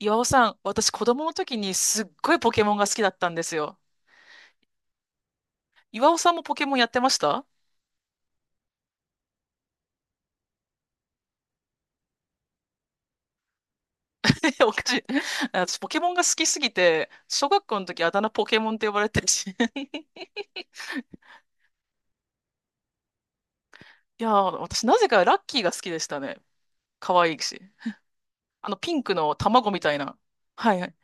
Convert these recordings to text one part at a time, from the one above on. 岩尾さん、私子供の時にすっごいポケモンが好きだったんですよ。岩尾さんもポケモンやってました？ おかしい。私ポケモンが好きすぎて、小学校の時あだ名ポケモンって呼ばれてるし。いやー、私なぜかラッキーが好きでしたね。可愛いし。あのピンクの卵みたいな。はいはい。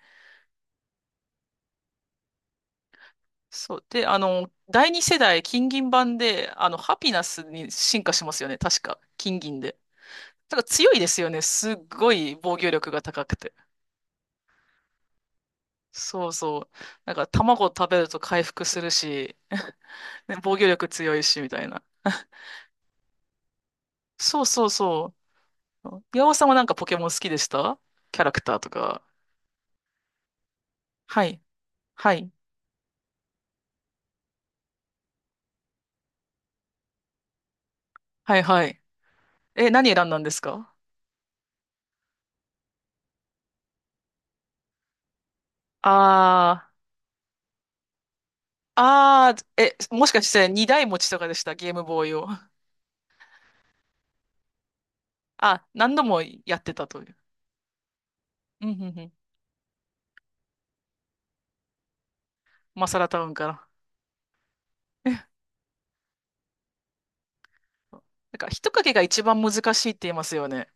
そう。で、第二世代金銀版で、ハピナスに進化しますよね。確か。金銀で。だから強いですよね。すっごい防御力が高くて。そうそう。なんか卵を食べると回復するし、ね、防御力強いし、みたいな。そうそうそう。岩尾さんはなんかポケモン好きでした？キャラクターとか。はい。はい。はいはい。え、何選んだんですか？あー。あー、え、もしかして二台持ちとかでした？ゲームボーイを。あ、何度もやってたという。うんうんうん。マサラタウンから。えなんか、人影が一番難しいって言いますよね。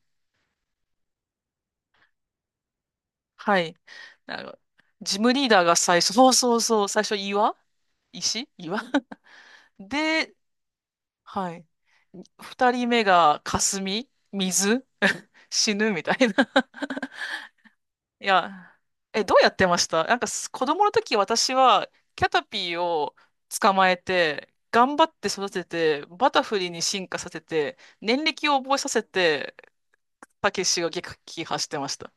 はい。なんか、ジムリーダーが最初、そうそうそう、最初岩 で、はい。二人目が霞、水、死ぬみたいな。いや、え、どうやってました？なんか子供の時私はキャタピーを捕まえて、頑張って育てて、バタフリーに進化させて、年歴を覚えさせて、たけしが撃破してました。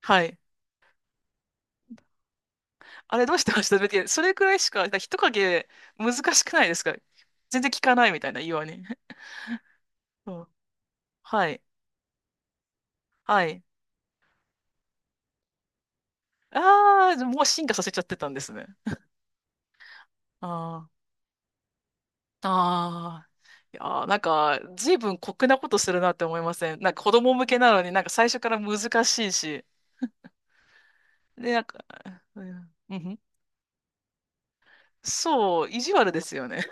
はい。あれどうしてました？だってそれくらいしか、だから人影難しくないですか？全然聞かないみたいな言わね。そう、はい。はい。ああ、もう進化させちゃってたんですね。ああ。ああ。いやー、なんか、随分酷なことするなって思いません？なんか子供向けなのになんか最初から難しいし。で、なんか、うんうん、そう、意地悪ですよね。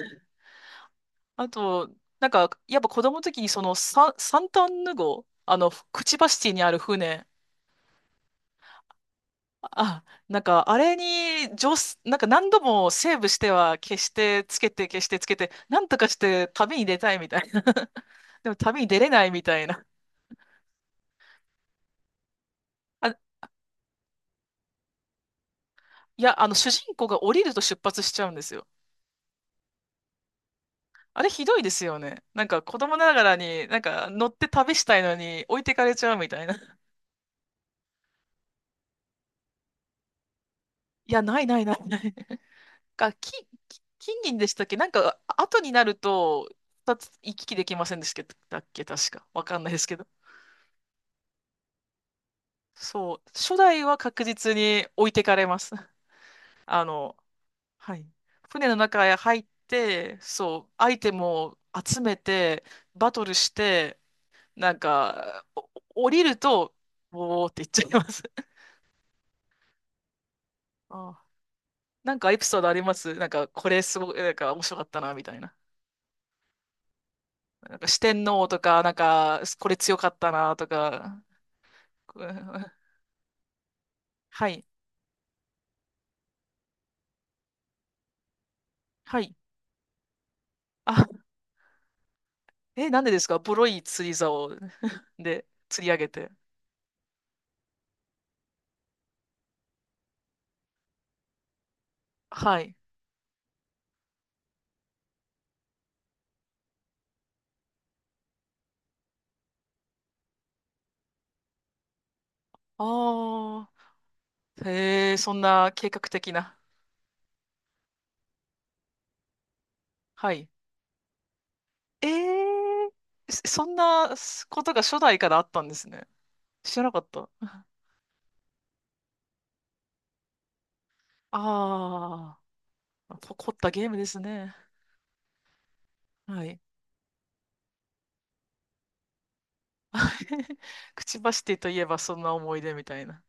あと、なんか、やっぱ子供の時にそのサンタンヌ号、クチバシティにある船、あ、なんか、あれに、上手、なんか何度もセーブしては消して、つけて、消して、つけて、なんとかして旅に出たいみたいな。でも旅に出れないみたいな。あ、いや、主人公が降りると出発しちゃうんですよ。あれひどいですよね。なんか子供ながらに、なんか乗って旅したいのに置いてかれちゃうみたいな。いや、ないないないない。か、金、金金銀でしたっけ？なんか、あ後になると、二つ行き来できませんでしたっけ？確か。わかんないですけど。そう、初代は確実に置いてかれます。あの、はい。船の中へ入って、そう、アイテムを集めて、バトルして、なんか、お降りると、おーって言っちゃいます。あ、なんかエピソードあります？なんか、これすごい、なんか面白かったな、みたいな。なんか四天王とか、なんか、これ強かったな、とか。こう はい。はい。あ、え、なんでですか？ボロい釣り竿で釣り上げて。はい。ああ、へえ、そんな計画的な。はい。ええ、そんなことが初代からあったんですね。知らなかった。ああ、凝ったゲームですね。はい。くちばしティといえばそんな思い出みたいな。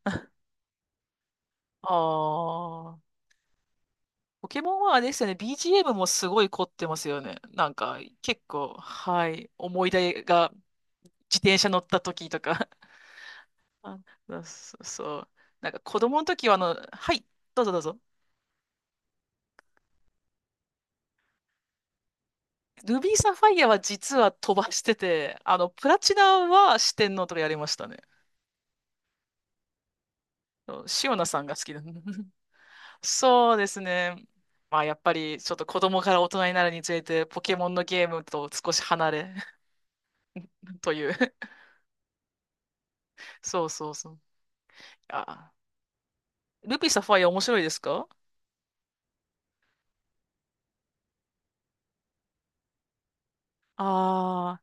ああ、ポケモンはあれですよね。BGM もすごい凝ってますよね。なんか、結構、はい。思い出が自転車乗った時とか、あ、そう。なんか子供の時ははい、どうぞどうぞ。ルビーサファイアは実は飛ばしてて、プラチナは四天王とかやりましたね。そうシオナさんが好きで。そうですね。まあやっぱりちょっと子供から大人になるにつれてポケモンのゲームと少し離れ という。そうそうそう。あ、ルビーサファイア面白いですか？あ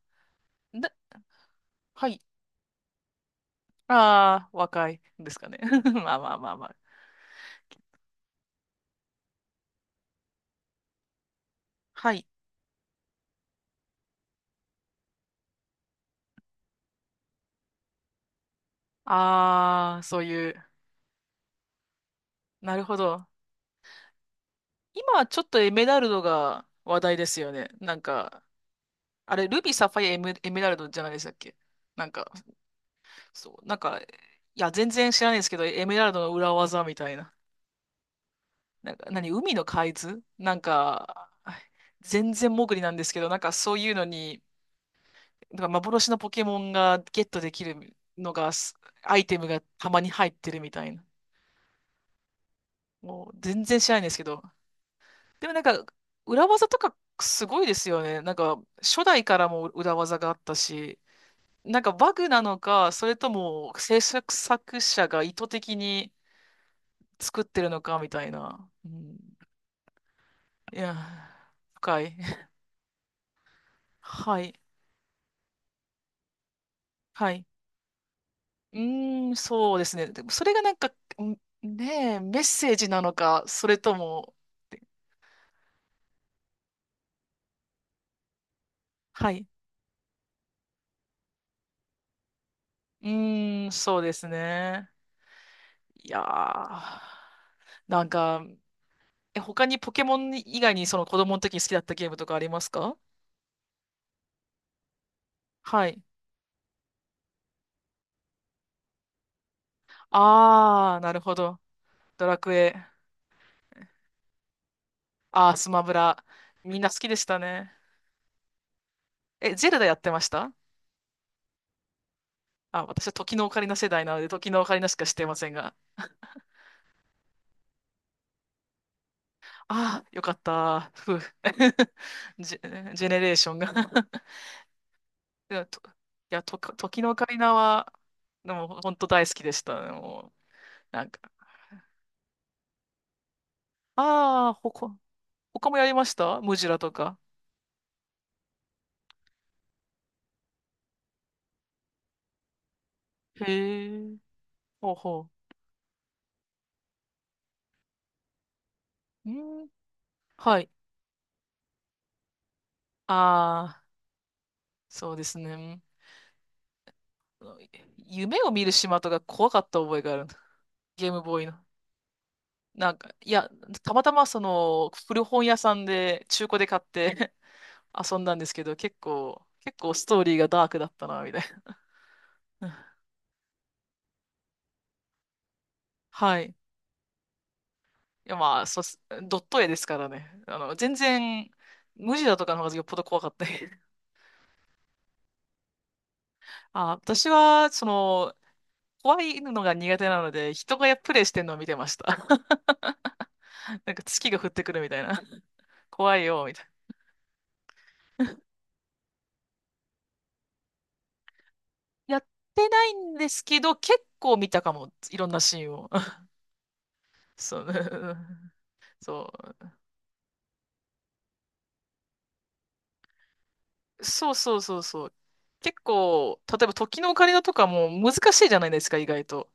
あー、な、はい。ああ、若いですかね。まあまあまあまあ。はい。ああ、そういう。なるほど。今はちょっとエメラルドが話題ですよね。なんか、あれ、ルビー、サファイア、エメ、エメラルドじゃないでしたっけ？なんか、そう、なんか、いや、全然知らないですけど、エメラルドの裏技みたいな。なんか、何、海の海図なんか、全然潜りなんですけど、なんかそういうのに、なんか幻のポケモンがゲットできるのが、アイテムがたまに入ってるみたいな。もう全然知らないんですけど、でもなんか、裏技とかすごいですよね。なんか、初代からも裏技があったし、なんかバグなのか、それとも制作作者が意図的に作ってるのかみたいな。うん、いや、深い。はい。はい。うーん、そうですね。でもそれがなんか、んねえ、メッセージなのか、それとも、はい。うーん、そうですね。いやー、なんか、え、他にポケモン以外にその子供の時に好きだったゲームとかありますか？はい。あー、なるほど。ドラクエ。あー、スマブラ。みんな好きでしたね。え、ゼルダやってました？あ、私は時のオカリナ世代なので、時のオカリナしか知ってませんが。あー、よかった。ふう。ジェネレーションが いや、と、いや、と、時のオカリナは、でも、本当大好きでした。もう、なんか。あー、他もやりました？ムジュラとか。へえ。ほうほう。うん。はい。ああ、そうですね。夢を見る島とか怖かった覚えがある。ゲームボーイの。なんか、いや、たまたまその古本屋さんで中古で買って 遊んだんですけど、結構、結構ストーリーがダークだったな、みたいな。はい。いや、まあ、そうっす、ドット絵ですからね。全然、無ジだとかの方がよっぽど怖かった。あ、私は、怖いのが苦手なので、人がプレイしてるのを見てました。なんか月が降ってくるみたいな。怖いよ、みたいな。やってないんですけど、結構見たかも。いろんなシーンを。そう。そう。そうそうそうそう。結構、例えば時のオカリナとかも難しいじゃないですか、意外と。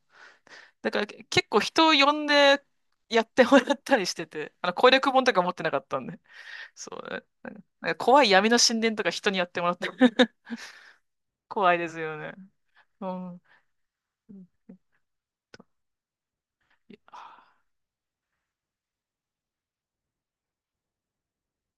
だから結構人を呼んでやってもらったりしてて、あの攻略本とか持ってなかったんで。そう。なんかなんか怖い闇の神殿とか人にやってもらって。怖いですよね。うん。いや